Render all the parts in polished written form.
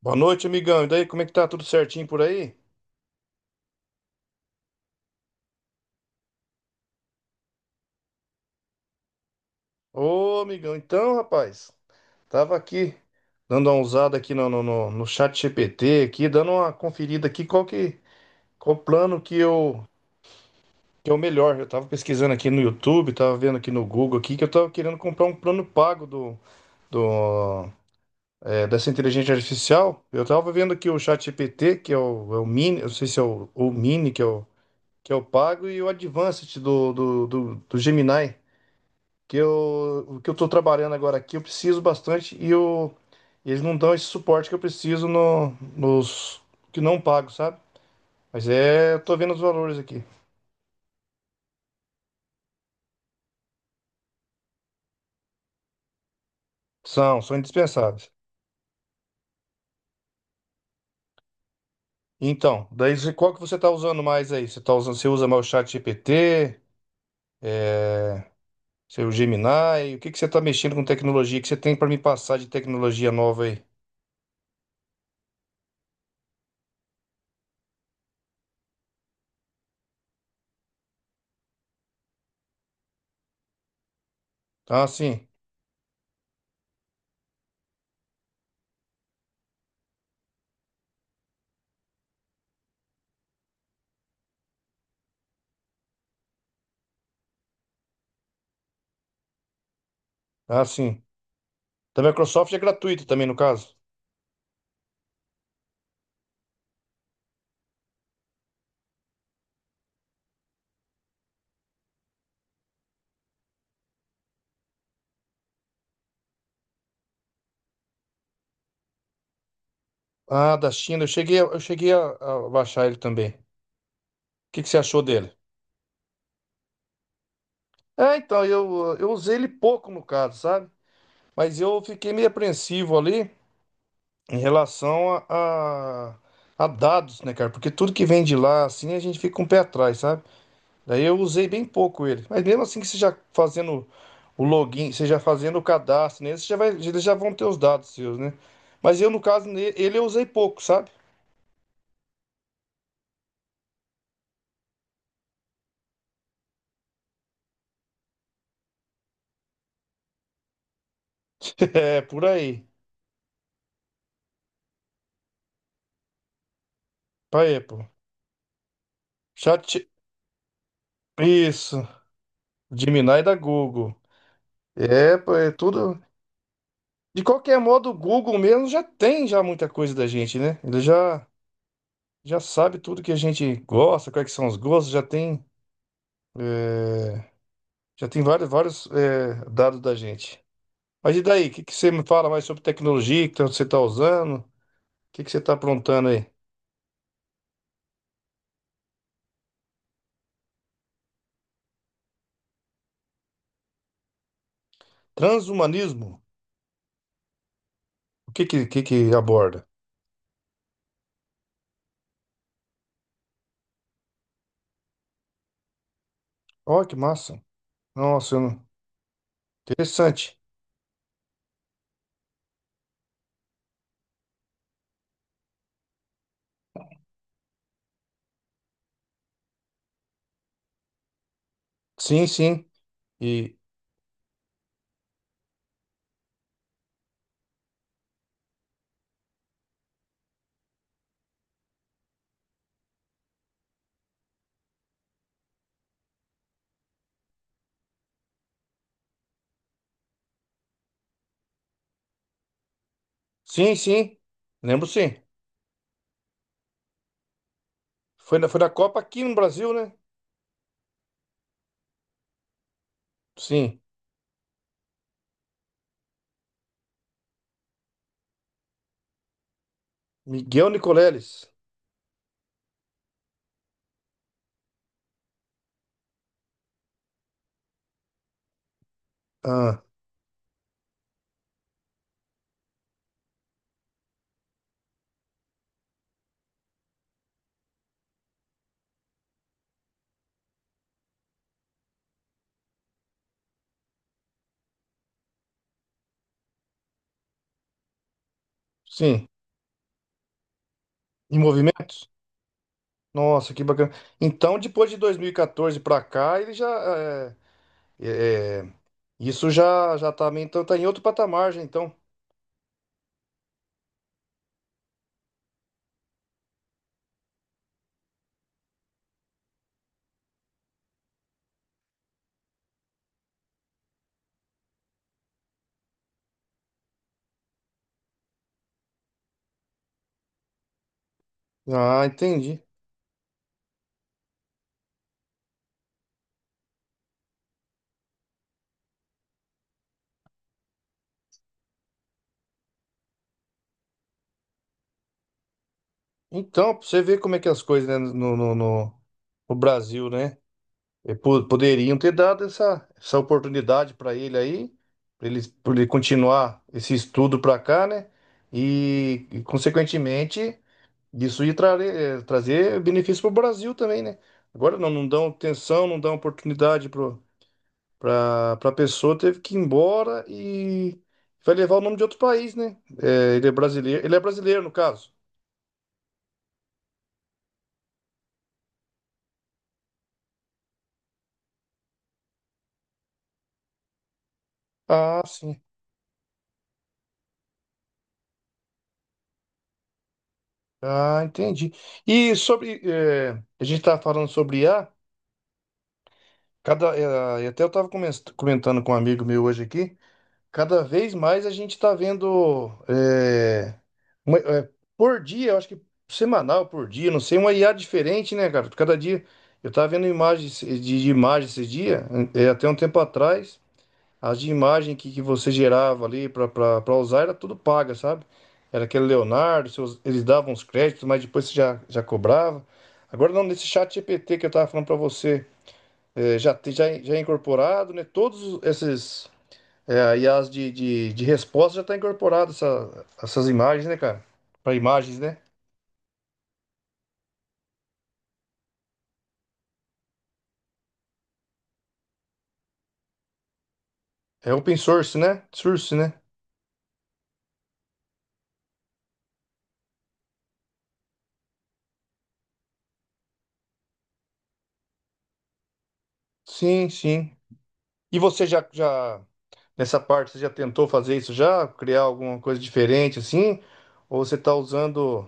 Boa noite, amigão. E daí, como é que tá? Tudo certinho por aí? Ô, amigão, então, rapaz, tava aqui dando uma usada aqui no chat GPT, aqui, dando uma conferida aqui, qual o plano que é o melhor. Eu tava pesquisando aqui no YouTube, tava vendo aqui no Google aqui, que eu tava querendo comprar um plano pago do, é, dessa inteligência artificial. Eu tava vendo aqui o chat GPT, é o Mini, eu não sei se é o Mini, que é o pago, e o Advanced do Gemini. O que eu tô trabalhando agora aqui, eu preciso bastante eles não dão esse suporte que eu preciso no, nos que não pago, sabe? Mas é, eu tô vendo os valores aqui. São, são indispensáveis. Então, daí você- qual que você tá usando mais aí? Você tá usando, você usa mais o chat GPT, é, seu Gemini, o que que você tá mexendo com tecnologia que você tem para me passar de tecnologia nova aí? Ah, sim. Ah, sim. Da Microsoft é gratuito também, no caso. Ah, da China, eu cheguei, a- eu cheguei a baixar ele também. Que você achou dele? É, então, eu usei ele pouco no caso, sabe? Mas eu fiquei meio apreensivo ali em relação a dados, né, cara? Porque tudo que vem de lá, assim, a gente fica um pé atrás, sabe? Daí eu usei bem pouco ele. Mas mesmo assim que você já fazendo o login, você já fazendo o cadastro nele, você já vai, eles já vão ter os dados seus, né? Mas eu, no caso, ne- ele eu usei pouco, sabe? É, por aí. Pra Apple. Chat... Isso. Gemini da Google. É, pô, é tudo... De qualquer modo, o Google mesmo já tem já muita coisa da gente, né? Ele já, já sabe tudo que a gente gosta, quais que são os gostos, já tem, é, já tem vários, é, dados da gente. Mas e daí? O que, que você me fala mais sobre tecnologia que você está usando? O que, que você está aprontando aí? Transhumanismo? O que que aborda? Ó, que massa! Nossa, eu não- interessante. Sim, sim. E sim, sim. Lembro sim. Foi na Copa aqui no Brasil, né? Sim. Miguel Nicoleles. Ah, sim. Em movimentos? Nossa, que bacana. Então, depois de 2014 para cá, ele já é, é, é, isso já já tá meio- então tá em outro patamar, já, então. Ah, entendi. Então, pra você ver como é que as coisas, né, no Brasil, né? E po- Poderiam ter dado essa oportunidade para ele aí, para ele, pra ele continuar esse estudo para cá, né? Consequentemente isso ia tra- eh, trazer benefício para o Brasil também, né? Agora não, não dão atenção, não dão oportunidade para a pessoa, teve que ir embora e vai levar o nome de outro país, né? Eh, ele é brasileiro no caso. Ah, sim. Ah, entendi. E sobre, eh, a gente estava falando sobre I a cada, eh, e até eu estava comentando com um amigo meu hoje aqui. Cada vez mais a gente está vendo é, uma- é, por dia, eu acho que semanal por dia, não sei, uma IA diferente, né, cara? Cada dia eu estava vendo imagens de imagens esses dias, até um tempo atrás, as de imagem que você gerava ali para usar era tudo paga, sabe? Era aquele Leonardo, seus- eles davam os créditos, mas depois você já, já cobrava. Agora não, nesse chat GPT que eu estava falando para você, é, já, tem- já, já é incorporado, né? Todos esses é, aí as de resposta já está incorporado essa- essas imagens, né, cara? Para imagens, né? É open source, né? Source, né? Sim, sim. E você nessa parte, você já tentou fazer isso já? Criar alguma coisa diferente assim? Ou você está usando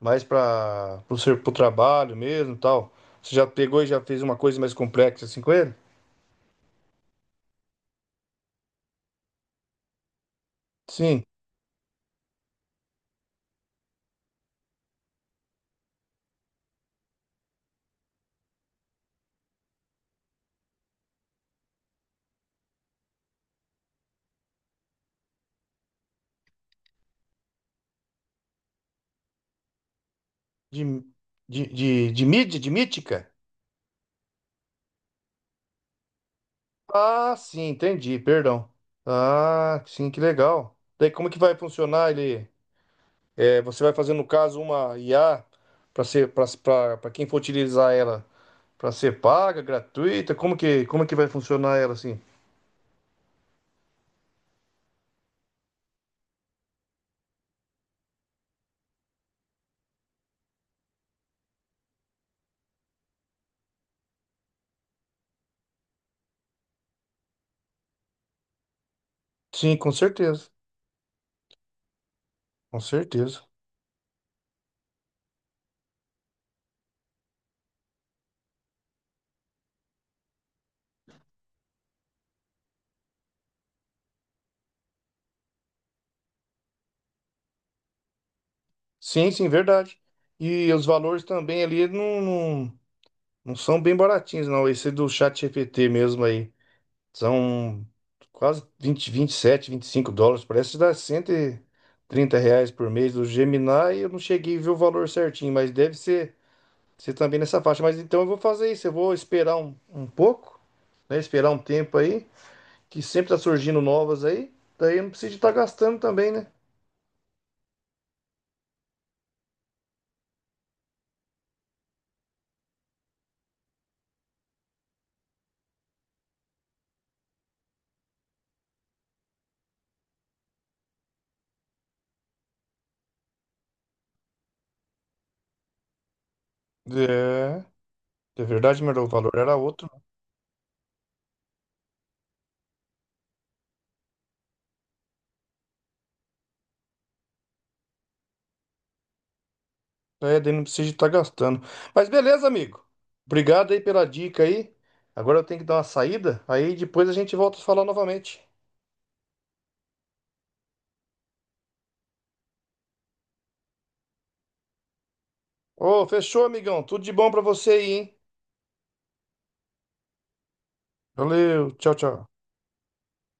mais para o seu pro trabalho mesmo e tal? Você já pegou e já fez uma coisa mais complexa assim com ele? Sim. De, de mídia, de mítica? Ah, sim, entendi, perdão. Ah, sim, que legal. Daí como que vai funcionar ele? É, você vai fazer no caso uma IA para ser para quem for utilizar ela, para ser paga, gratuita, como que vai funcionar ela assim? Sim, com certeza. Com certeza. Sim, sim, verdade. E os valores também ali não são bem baratinhos, não. Esse do chat GPT mesmo aí. São quase 20, 27, 25 dólares. Parece que dá R$ 130 por mês do Gemini. Eu não cheguei a ver o valor certinho, mas deve ser, ser também nessa faixa. Mas então eu vou fazer isso. Eu vou esperar um pouco, né? Esperar um tempo aí, que sempre tá surgindo novas aí. Daí eu não preciso estar gastando também, né? É, é verdade, meu o valor era outro. É, daí não precisa estar gastando. Mas beleza, amigo. Obrigado aí pela dica aí. Agora eu tenho que dar uma saída, aí depois a gente volta a falar novamente. Ô, fechou, amigão. Tudo de bom pra você aí, hein? Valeu, tchau, tchau.